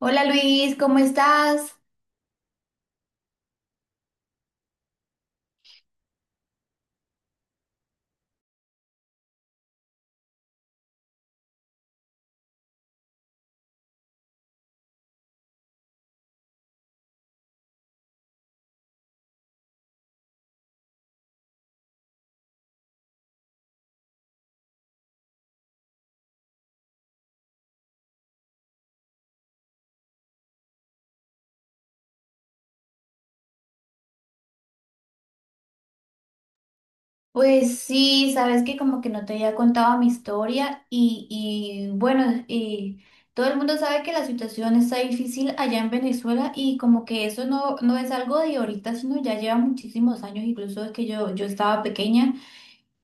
Hola Luis, ¿cómo estás? Pues sí, sabes que como que no te había contado mi historia y bueno, y todo el mundo sabe que la situación está difícil allá en Venezuela y como que eso no, no es algo de ahorita, sino ya lleva muchísimos años, incluso es que yo estaba pequeña.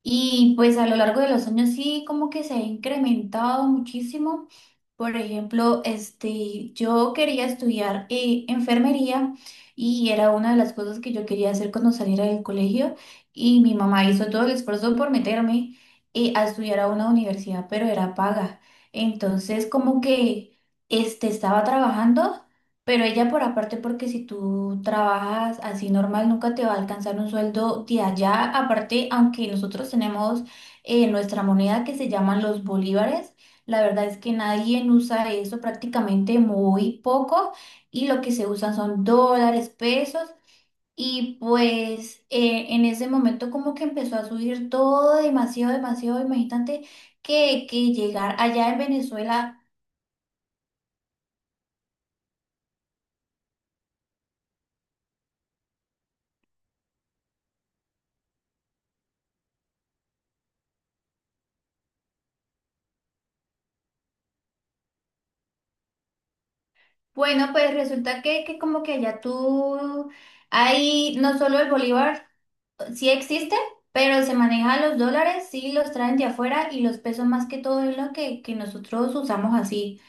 Y pues a lo largo de los años sí como que se ha incrementado muchísimo. Por ejemplo, este, yo quería estudiar enfermería y era una de las cosas que yo quería hacer cuando saliera del colegio y mi mamá hizo todo el esfuerzo por meterme a estudiar a una universidad, pero era paga. Entonces como que este, estaba trabajando. Pero ella por aparte, porque si tú trabajas así normal, nunca te va a alcanzar un sueldo de allá. Aparte, aunque nosotros tenemos nuestra moneda que se llaman los bolívares, la verdad es que nadie usa eso prácticamente muy poco y lo que se usan son dólares, pesos. Y pues en ese momento como que empezó a subir todo demasiado, demasiado, imagínate que llegar allá en Venezuela. Bueno, pues resulta que como que allá tú, ahí no solo el bolívar sí existe, pero se maneja los dólares, sí los traen de afuera y los pesos más que todo es lo que nosotros usamos así.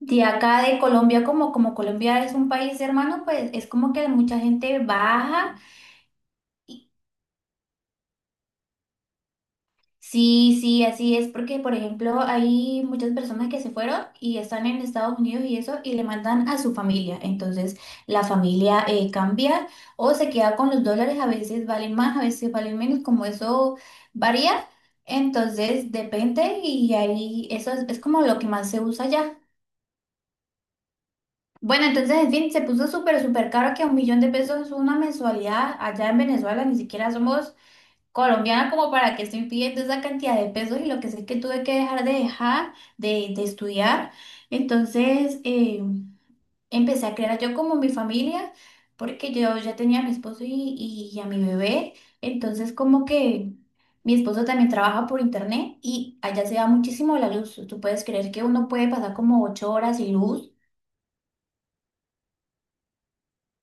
De acá de Colombia, como Colombia es un país hermano, pues es como que mucha gente baja. Sí, sí, así es, porque por ejemplo hay muchas personas que se fueron y están en Estados Unidos y eso y le mandan a su familia, entonces la familia cambia o se queda con los dólares, a veces valen más, a veces valen menos, como eso varía, entonces depende y ahí eso es como lo que más se usa allá. Bueno, entonces en fin, se puso súper, súper caro que un millón de pesos es una mensualidad allá en Venezuela, ni siquiera somos colombiana como para que estoy pidiendo esa cantidad de pesos y lo que sé es que tuve que dejar de estudiar. Entonces empecé a crear yo como mi familia porque yo ya tenía a mi esposo y a mi bebé. Entonces como que mi esposo también trabaja por internet y allá se da muchísimo la luz. ¿Tú puedes creer que uno puede pasar como 8 horas sin luz?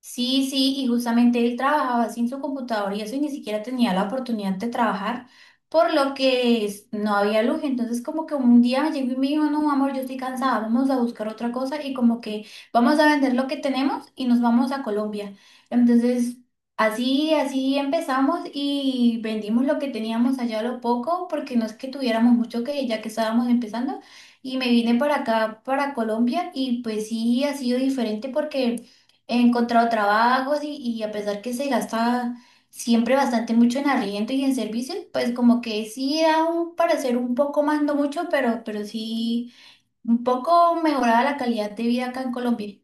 Sí, sí, y justamente él trabajaba sin su computador y eso y ni siquiera tenía la oportunidad de trabajar, por lo que no había luz. Entonces como que un día llegó y me dijo, no, amor, yo estoy cansada, vamos a buscar otra cosa y como que vamos a vender lo que tenemos y nos vamos a Colombia. Entonces así, así empezamos y vendimos lo que teníamos allá a lo poco, porque no es que tuviéramos mucho que ya que estábamos empezando. Y me vine para acá, para Colombia, y pues sí ha sido diferente porque he encontrado trabajos y a pesar que se gasta siempre bastante mucho en arriendo y en servicios, pues como que sí da un parecer un poco más, no mucho, pero sí un poco mejorada la calidad de vida acá en Colombia.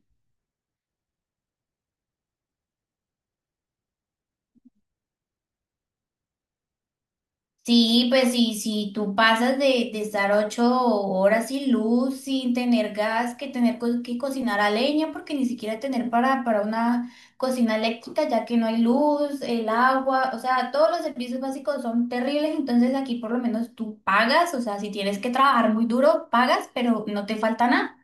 Sí, pues sí, si tú pasas de estar 8 horas sin luz, sin tener gas, que tener que cocinar a leña, porque ni siquiera tener para una cocina eléctrica, ya que no hay luz, el agua, o sea, todos los servicios básicos son terribles, entonces aquí por lo menos tú pagas, o sea, si tienes que trabajar muy duro, pagas, pero no te falta nada.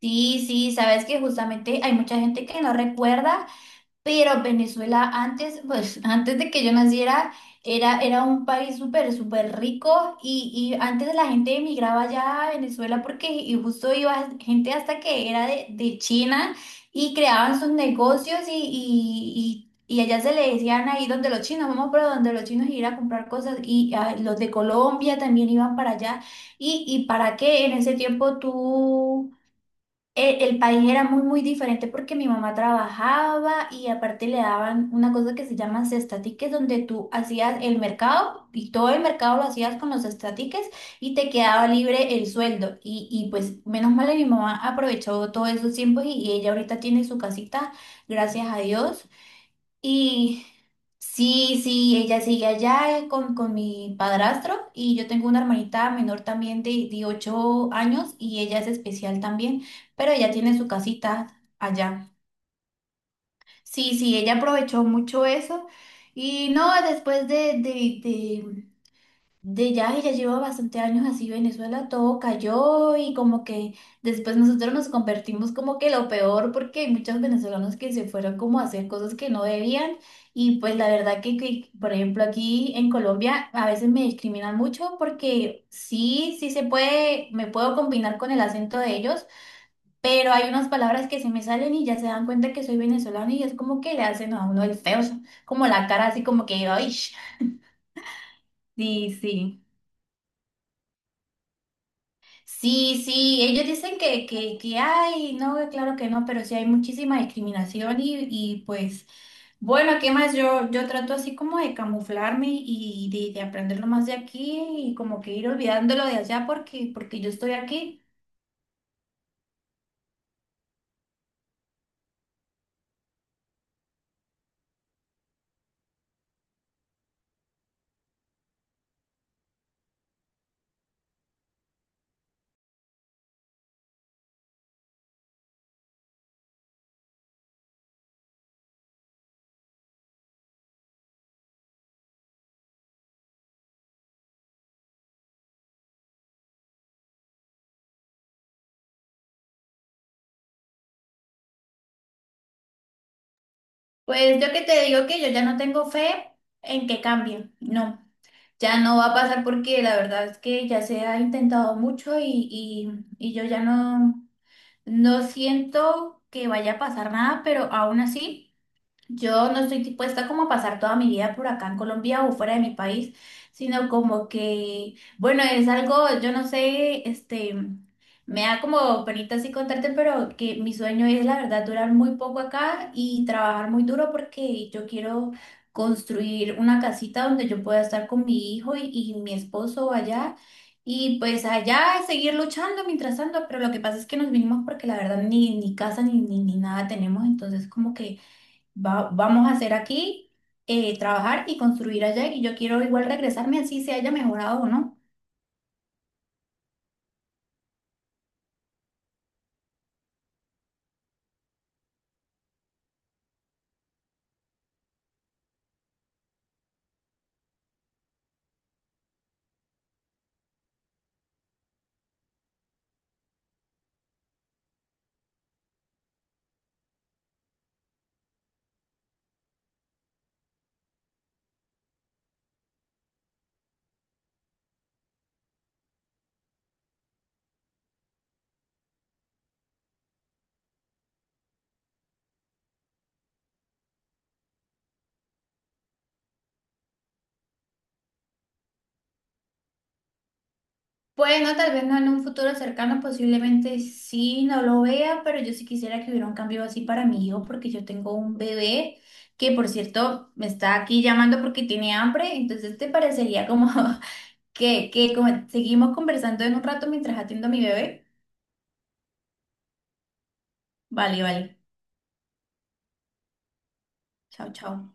Sí, sí, sabes que justamente hay mucha gente que no recuerda. Pero Venezuela antes, pues antes de que yo naciera, era un país súper, súper rico y antes la gente emigraba allá a Venezuela porque y justo iba gente hasta que era de China y creaban sus negocios y allá se le decían ahí donde los chinos, vamos por donde los chinos y ir a comprar cosas y ah, los de Colombia también iban para allá. ¿Y para qué en ese tiempo tú? El país era muy, muy diferente porque mi mamá trabajaba y aparte le daban una cosa que se llama cestatiques, donde tú hacías el mercado y todo el mercado lo hacías con los cestatiques y te quedaba libre el sueldo. Y pues menos mal que mi mamá aprovechó todos esos tiempos y ella ahorita tiene su casita, gracias a Dios. Sí, sí, ella sigue allá con mi padrastro y yo tengo una hermanita menor también de 8 años y ella es especial también, pero ella tiene su casita allá. Sí, sí, ella aprovechó mucho eso y no, después de ya, y ya lleva bastante años así, Venezuela todo cayó y como que después nosotros nos convertimos como que lo peor porque hay muchos venezolanos que se fueron como a hacer cosas que no debían y pues la verdad que, por ejemplo aquí en Colombia a veces me discriminan mucho porque sí, sí se puede, me puedo combinar con el acento de ellos, pero hay unas palabras que se me salen y ya se dan cuenta que soy venezolano y es como que le hacen a uno el feo, como la cara así como que, ¡ay! Sí, sí. Sí, sí, ellos dicen que hay, no, claro que no, pero sí hay muchísima discriminación y pues, bueno, ¿qué más? Yo trato así como de camuflarme y de aprender lo más de aquí y como que ir olvidándolo de allá porque yo estoy aquí. Pues yo que te digo que yo ya no tengo fe en que cambie, no, ya no va a pasar porque la verdad es que ya se ha intentado mucho y, y yo ya no, no siento que vaya a pasar nada, pero aún así. Yo no estoy dispuesta como a pasar toda mi vida por acá en Colombia o fuera de mi país, sino como que, bueno, es algo, yo no sé, este, me da como penita así contarte, pero que mi sueño es la verdad durar muy poco acá y trabajar muy duro porque yo quiero construir una casita donde yo pueda estar con mi hijo y mi esposo allá y pues allá seguir luchando mientras tanto, pero lo que pasa es que nos vinimos porque la verdad ni casa ni nada tenemos, entonces como que vamos a hacer aquí, trabajar y construir allá y yo quiero igual regresarme así se haya mejorado o no. Bueno, tal vez no en un futuro cercano, posiblemente sí, no lo vea, pero yo sí quisiera que hubiera un cambio así para mi hijo porque yo tengo un bebé que por cierto me está aquí llamando porque tiene hambre, entonces te parecería como seguimos conversando en un rato mientras atiendo a mi bebé. Vale, vale. Chao, chao.